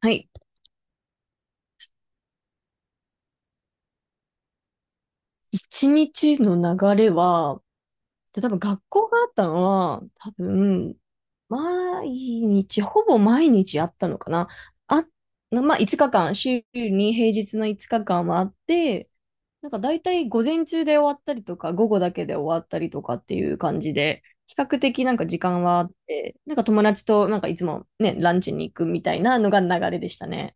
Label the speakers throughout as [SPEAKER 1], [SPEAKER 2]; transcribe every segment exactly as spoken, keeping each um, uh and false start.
[SPEAKER 1] はい。一日の流れは、多分学校があったのは、多分、毎日、ほぼ毎日あったのかな。あ、まあ、いつかかん、週に平日のいつかかんはあって、なんか大体午前中で終わったりとか、午後だけで終わったりとかっていう感じで、比較的なんか時間はあって、なんか友達となんかいつもね、ランチに行くみたいなのが流れでしたね。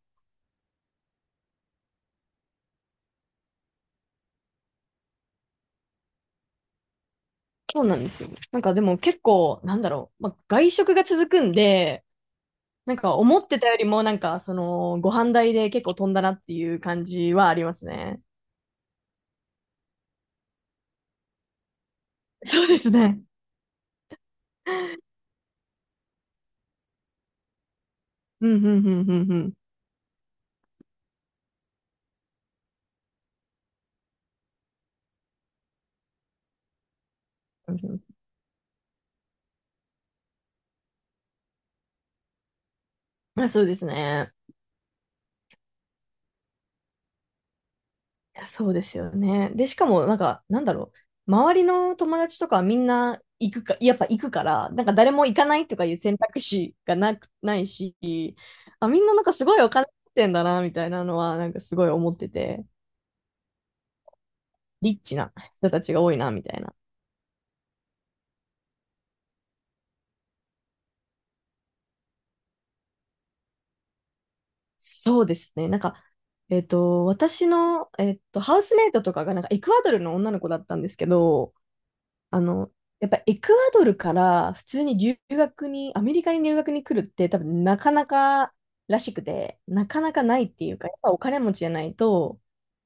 [SPEAKER 1] そうなんですよ。なんかでも結構、なんだろう、まあ、外食が続くんで、なんか思ってたよりもなんかそのご飯代で結構飛んだなっていう感じはありますね。そうですね。うんうんうんうんうんうんうん。あ、そうですね。いやそうですよね。で、しかもなんかなんだろう。周りの友達とかはみんな行くか、やっぱ行くから、なんか誰も行かないとかいう選択肢がなく、ないし、あ、みんななんかすごいお金持ってんだな、みたいなのはなんかすごい思ってて、リッチな人たちが多いな、みたいな。そうですね。なんか、えっと、私の、えっと、ハウスメイトとかが、なんか、エクアドルの女の子だったんですけど、あの、やっぱエクアドルから普通に留学に、アメリカに留学に来るって多分なかなからしくて、なかなかないっていうか、やっぱお金持ちじゃないと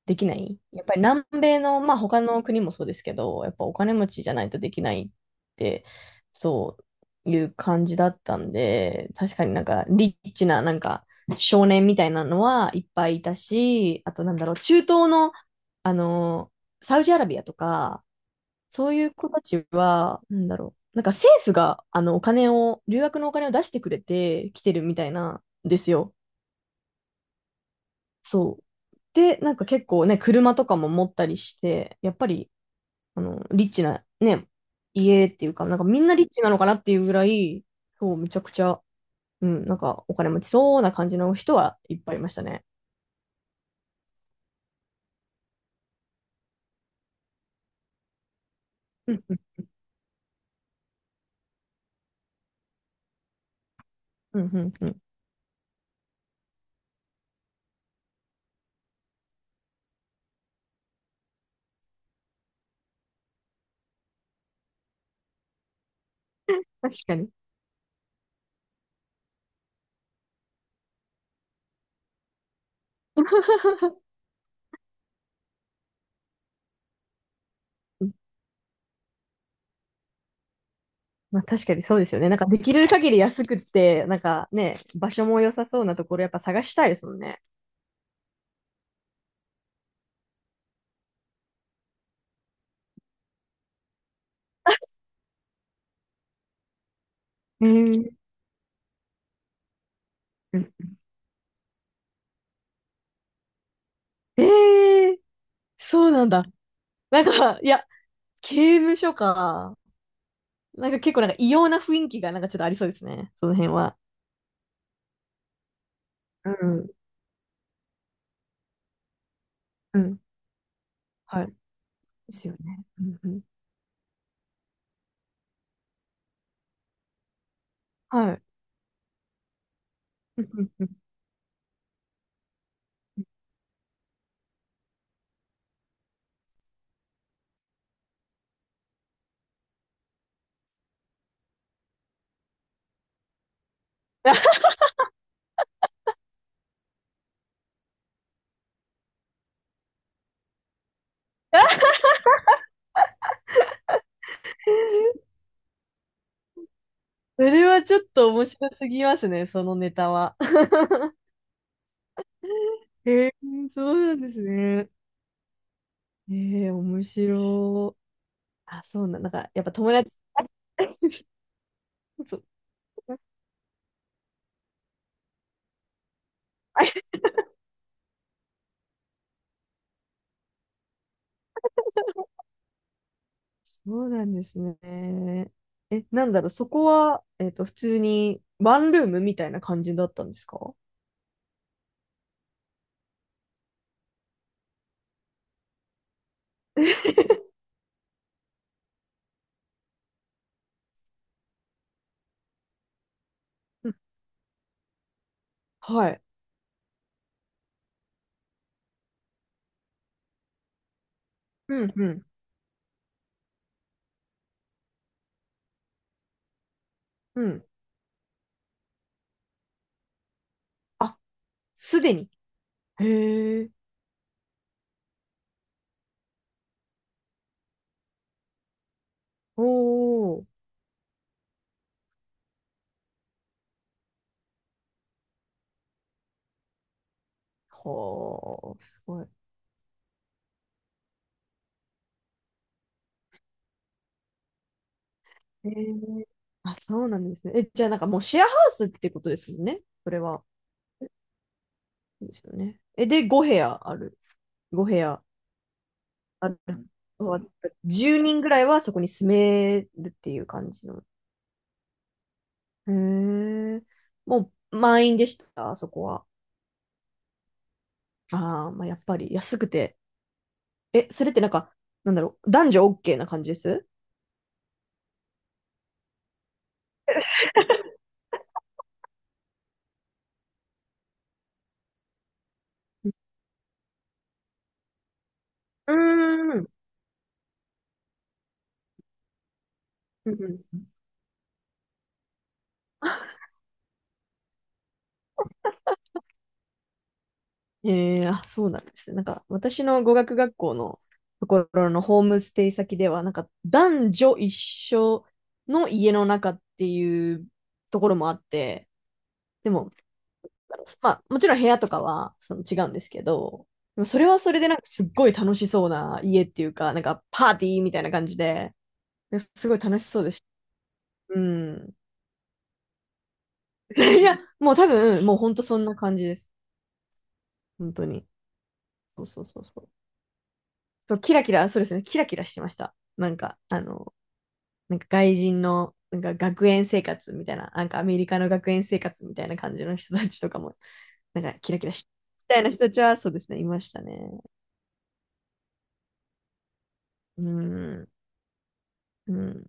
[SPEAKER 1] できない。やっぱり南米の、まあ他の国もそうですけど、やっぱお金持ちじゃないとできないって、そういう感じだったんで、確かになんかリッチななんか少年みたいなのはいっぱいいたし、あとなんだろう、中東の、あの、サウジアラビアとか、そういう子たちは、なんだろう。なんか政府が、あの、お金を、留学のお金を出してくれて来てるみたいなんですよ。そう。で、なんか結構ね、車とかも持ったりして、やっぱり、あの、リッチな、ね、家っていうか、なんかみんなリッチなのかなっていうぐらい、そう、めちゃくちゃ、うん、なんかお金持ちそうな感じの人はいっぱいいましたね。うんうんうんうんうん。確かに。まあ確かにそうですよね。なんかできる限り安くって、なんかね、場所も良さそうなところやっぱ探したいですもんね。えー、えー、そうなんだ。なんか、いや、刑務所か。なんか結構なんか異様な雰囲気がなんかちょっとありそうですね。その辺は。うん。うん。はい。ですよね。うんうん。はい。うんうんうん。それはちょっと面白すぎますね、そのネタは。えー、そうなんですね。えー、面白い。あ、そうなん、なんか、やっぱ友達。 そう。あ、そうなんですね。え、なんだろう、そこは、えっと、普通にワンルームみたいな感じだったんですか？うん。 はい。うん、うん、うん。あ、すでに。へえ。おー。はあ、すごい。へえ。あ、そうなんですね。え、じゃあなんかもうシェアハウスってことですもんね。それは。そうですよね。え、で、ご部屋ある。ご部屋ある。じゅうにんぐらいはそこに住めるっていう感じの。へえ。もう満員でした、あそこは。ああ、まあ、やっぱり安くて。え、それってなんか、なんだろう、男女 OK な感じです？うーん。うんうん。ええ。 あ、そうなんですね。なんか、私の語学学校のところのホームステイ先では、なんか、男女一緒の家の中っていうところもあって、でも、だろう、まあ、もちろん部屋とかはその違うんですけど、でもそれはそれでなんかすっごい楽しそうな家っていうか、なんかパーティーみたいな感じで、で、すごい楽しそうでした。うん。いや、もう多分、もう本当そんな感じです。本当に。そうそうそうそう。そうキラキラ、そうですね、キラキラしてました。なんか、あの、なんか外人の、なんか学園生活みたいな、なんかアメリカの学園生活みたいな感じの人たちとかも、なんかキラキラしてみたいな人たちは、そうですね、いましたね。うん。うん。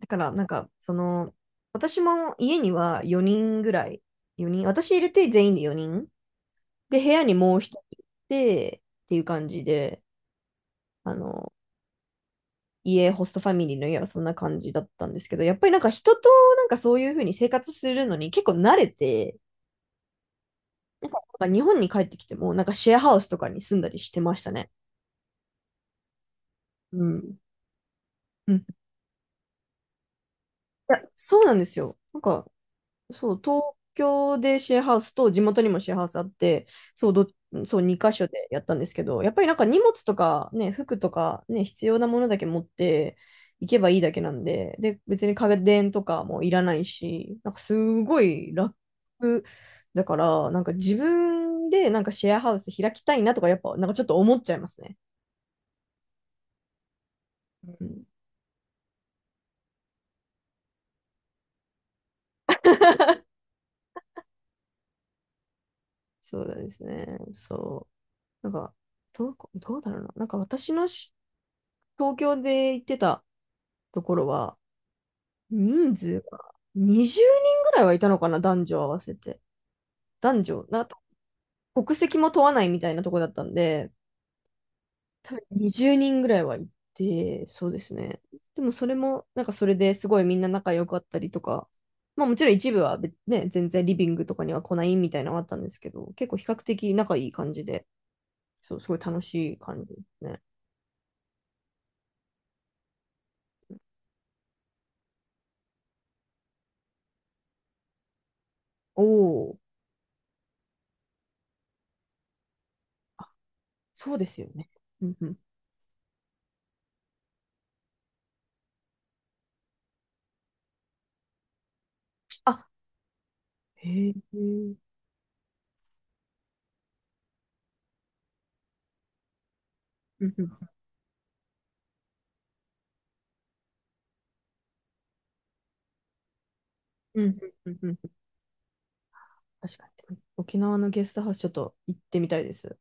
[SPEAKER 1] だからなんか、その、私も家にはよにんぐらい、よにん、私入れて全員でよにん。で、部屋にもう一人いて、っていう感じで、あの、家、ホストファミリーの家はそんな感じだったんですけど、やっぱりなんか人となんかそういう風に生活するのに結構慣れて、なんかなんか日本に帰ってきても、なんかシェアハウスとかに住んだりしてましたね。うん。うん。いや、そうなんですよ。なんか、そう、東京でシェアハウスと地元にもシェアハウスあって、そう、ど、そう、に箇所でやったんですけど、やっぱりなんか荷物とかね、服とかね、必要なものだけ持って行けばいいだけなんで、で、別に家電とかもいらないし、なんかすごい楽だから、なんか自分でなんかシェアハウス開きたいなとか、やっぱなんかちょっと思っちゃいますね。うん、そうですね。そう。なんか、どう、どうだろうな。なんか私のし東京で行ってたところは、人数がにじゅうにんぐらいはいたのかな、男女合わせて。男女、な、国籍も問わないみたいなとこだったんで、多分にじゅうにんぐらいはいて、そうですね。でもそれも、なんかそれですごいみんな仲良かったりとか、まあもちろん一部は別ね、全然リビングとかには来ないみたいなのがあったんですけど、結構比較的仲いい感じで、そう、すごい楽しい感じですね。おお、そうですよね。うんうん、あ、へえ。うんうんうんうんうんうん。確かに。沖縄のゲストハウスちょっと行ってみたいです。